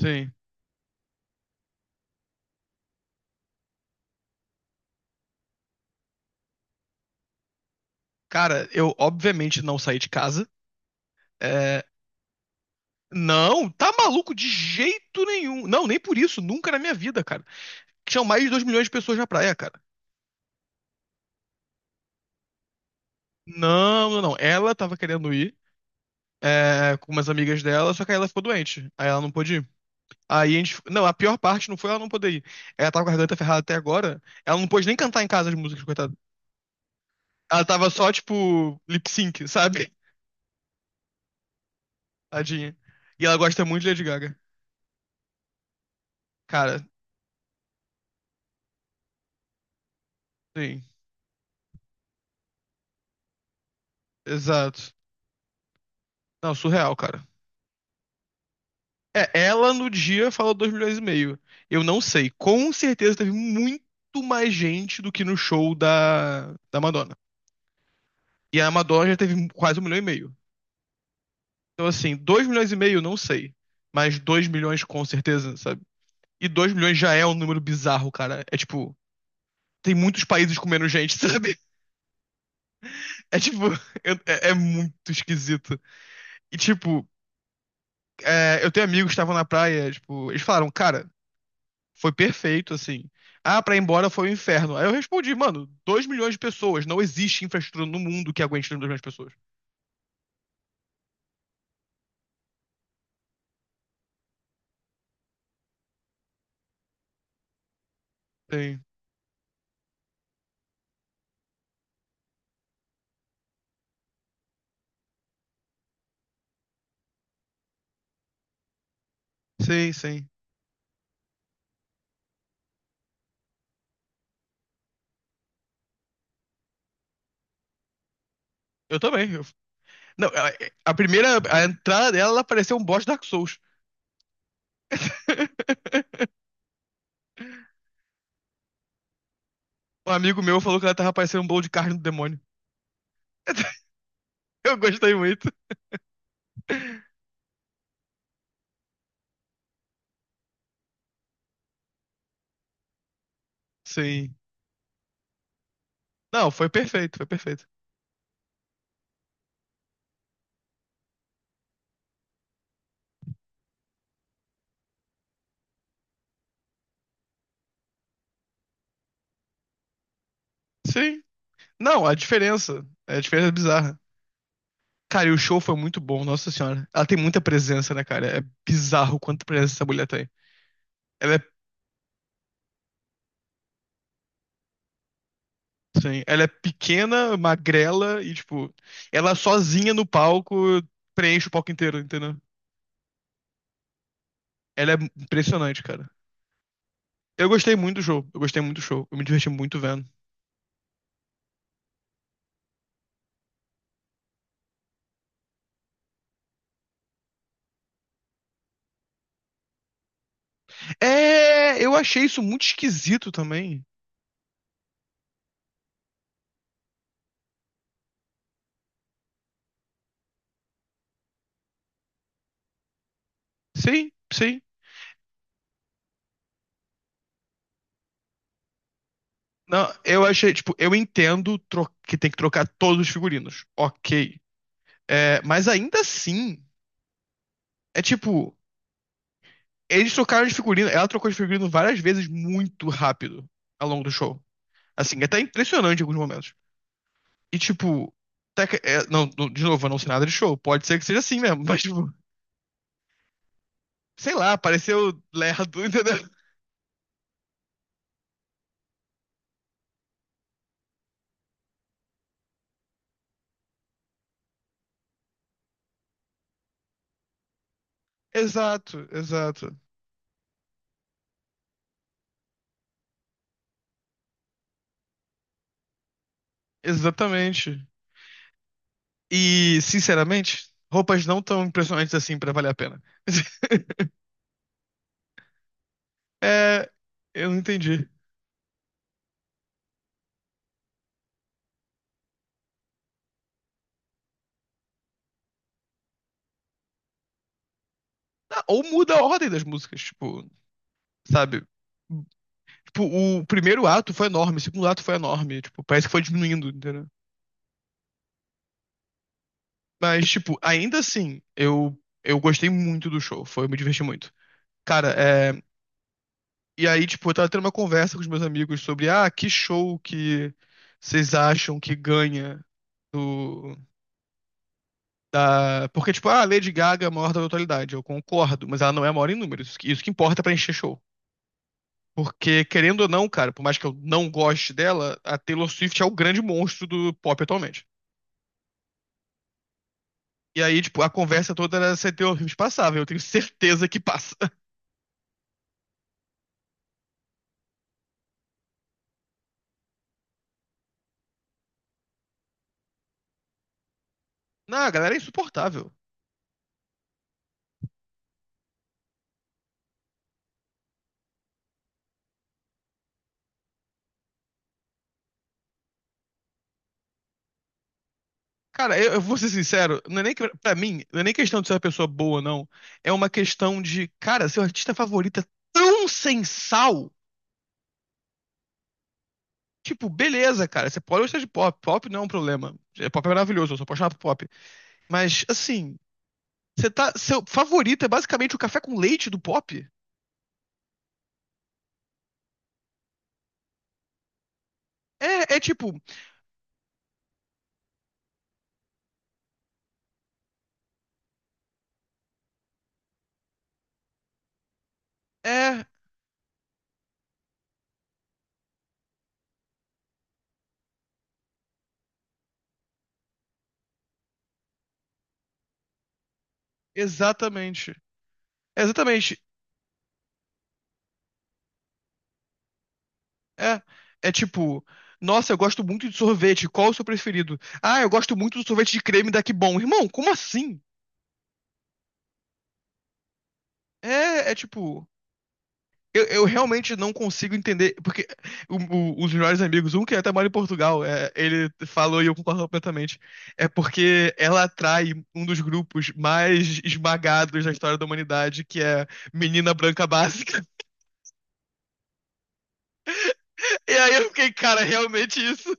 Sim. Cara, eu obviamente não saí de casa. É, não, tá maluco de jeito nenhum. Não, nem por isso, nunca na minha vida, cara. Tinham mais de 2 milhões de pessoas na praia, cara. Não, não, não. Ela tava querendo ir, com umas amigas dela, só que aí ela ficou doente. Aí ela não pôde ir. Aí a gente. Não, a pior parte não foi ela não poder ir. Ela tava com a garganta ferrada até agora. Ela não pôde nem cantar em casa as músicas, coitada. Ela tava só, tipo, lip sync, sabe? Tadinha. E ela gosta muito de Lady Gaga. Cara, sim, exato. Não, surreal, cara. É, ela no dia falou 2,5 milhões. Eu não sei. Com certeza teve muito mais gente do que no show da Madonna. E a Madonna já teve quase 1,5 milhão. Então, assim, 2,5 milhões, não sei. Mas 2 milhões com certeza, sabe? E 2 milhões já é um número bizarro, cara. É tipo, tem muitos países com menos gente, sabe? É tipo, é muito esquisito. E tipo, eu tenho amigos que estavam na praia, tipo, eles falaram, cara. Foi perfeito, assim. Ah, pra ir embora foi um inferno. Aí eu respondi, mano, 2 milhões de pessoas. Não existe infraestrutura no mundo que aguente 2 milhões de pessoas. Sim, sim, sim. Eu também. Não, a primeira, a entrada dela, ela pareceu um boss de Dark Souls. Um amigo meu falou que ela tava parecendo um bolo de carne do demônio. Eu gostei muito. Sim. Não, foi perfeito, foi perfeito. Sim. Não, A diferença é bizarra. Cara, e o show foi muito bom, nossa senhora. Ela tem muita presença, né, cara? É bizarro quanta presença essa mulher tem. Ela é, sim, ela é pequena, magrela e, tipo, ela sozinha no palco preenche o palco inteiro, entendeu? Ela é impressionante, cara. Eu gostei muito do show, eu gostei muito do show, eu me diverti muito vendo. É, eu achei isso muito esquisito também. Sim, sim. Não, eu achei, tipo, eu entendo que tem que trocar todos os figurinos. Ok. É, mas ainda assim, é tipo. Eles trocaram de figurino, ela trocou de figurino várias vezes muito rápido ao longo do show. Assim, até impressionante em alguns momentos. E tipo, até que- é, não, não- de novo, eu não sei nada de show. Pode ser que seja assim mesmo, mas tipo, sei lá, pareceu lerdo, entendeu? Exato, exato. Exatamente. E, sinceramente, roupas não tão impressionantes assim pra valer a pena. É, eu não entendi. Ah, ou muda a ordem das músicas, tipo, sabe? Tipo, o primeiro ato foi enorme, o segundo ato foi enorme. Tipo, parece que foi diminuindo, entendeu? Mas, tipo, ainda assim, eu gostei muito do show. Foi, eu me diverti muito. Cara, é. E aí, tipo, eu tava tendo uma conversa com os meus amigos sobre, ah, que show que vocês acham que ganha do. Ah, porque, tipo, ah, Lady Gaga é a maior da atualidade. Eu concordo, mas ela não é a maior em números. Isso que importa pra encher show. Porque, querendo ou não, cara, por mais que eu não goste dela, a Taylor Swift é o grande monstro do pop atualmente. E aí, tipo, a conversa toda era se Teor Rios passava. Eu tenho certeza que passa. Não, a galera é insuportável. Cara, eu vou ser sincero, não é nem que, pra mim, não é nem questão de ser uma pessoa boa, não. É uma questão de, cara, seu artista favorito é tão sensal. Tipo, beleza, cara, você pode gostar de pop. Pop não é um problema. É, pop é maravilhoso, eu sou apaixonado por pop. Mas, assim, você tá, seu favorito é basicamente o café com leite do pop? É, é tipo, é, exatamente. Exatamente. É, é tipo, nossa, eu gosto muito de sorvete, qual é o seu preferido? Ah, eu gosto muito do sorvete de creme da Que Bom. Irmão, como assim? É, é tipo, eu realmente não consigo entender, porque os melhores amigos, um que até mora em Portugal, ele falou e eu concordo completamente, é porque ela atrai um dos grupos mais esmagados da história da humanidade, que é menina branca básica. E aí eu fiquei, cara, é realmente isso.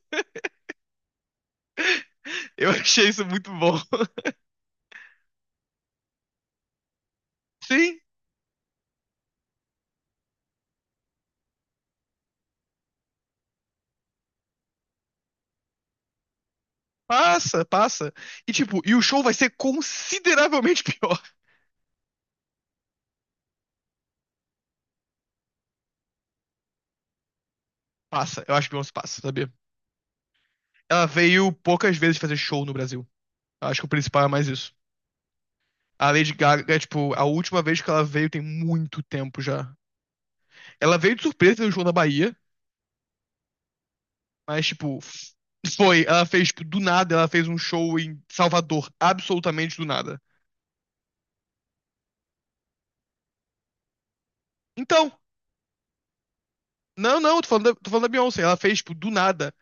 Eu achei isso muito bom. Sim. Passa, passa. E tipo, o show vai ser consideravelmente pior. Passa, eu acho que Beyoncé passa, sabia? Ela veio poucas vezes fazer show no Brasil. Eu acho que o principal é mais isso. A Lady Gaga, é, tipo, a última vez que ela veio tem muito tempo já. Ela veio de surpresa no show na Bahia, mas tipo, foi, ela fez, tipo, do nada, ela fez um show em Salvador, absolutamente do nada. Então, não, não, tô falando da Beyoncé, ela fez, tipo, do nada.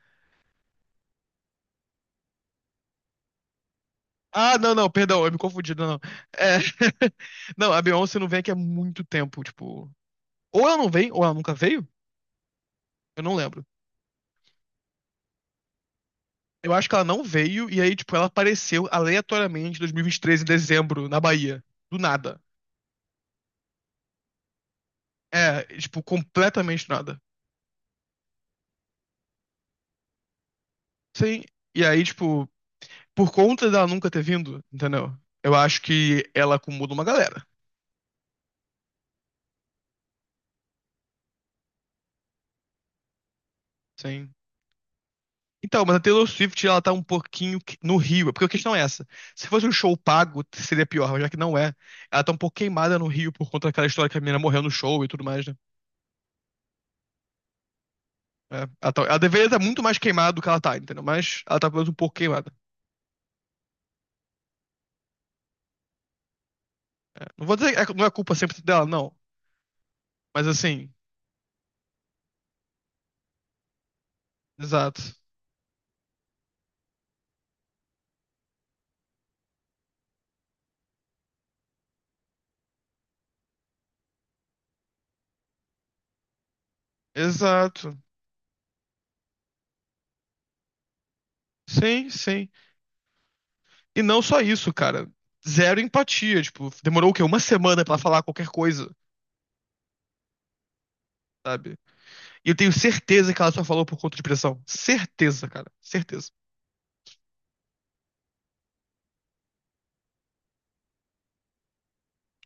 Ah, não, não, perdão, eu me confundi, não, não. É... Não, a Beyoncé não vem aqui há muito tempo, tipo. Ou ela não vem, ou ela nunca veio, eu não lembro. Eu acho que ela não veio, e aí, tipo, ela apareceu aleatoriamente em 2023, em dezembro, na Bahia. Do nada. É, tipo, completamente do nada. Sim. E aí, tipo, por conta dela nunca ter vindo, entendeu? Eu acho que ela acomoda uma galera. Sim. Então, mas a Taylor Swift, ela tá um pouquinho no Rio, porque a questão é essa. Se fosse um show pago, seria pior, mas já que não é. Ela tá um pouco queimada no Rio por conta daquela história que a menina morreu no show e tudo mais, né? É, ela deveria estar muito mais queimada do que ela tá, entendeu? Mas ela tá pelo menos um pouco queimada. É, não vou dizer que não é culpa 100% dela, não. Mas assim, exato. Exato. Sim, sim. E não só isso, cara. Zero empatia, tipo, demorou o quê? Uma semana pra falar qualquer coisa, sabe? E eu tenho certeza que ela só falou por conta de pressão. Certeza, cara. Certeza.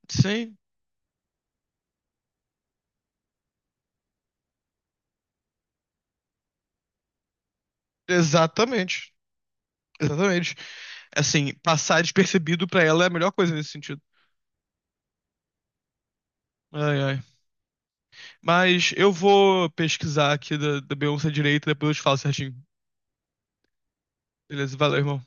Sim. Exatamente. Exatamente. Assim, passar despercebido pra ela é a melhor coisa nesse sentido. Ai, ai. Mas eu vou pesquisar aqui da Beyoncé direito, depois eu te falo certinho. Beleza? Valeu, irmão.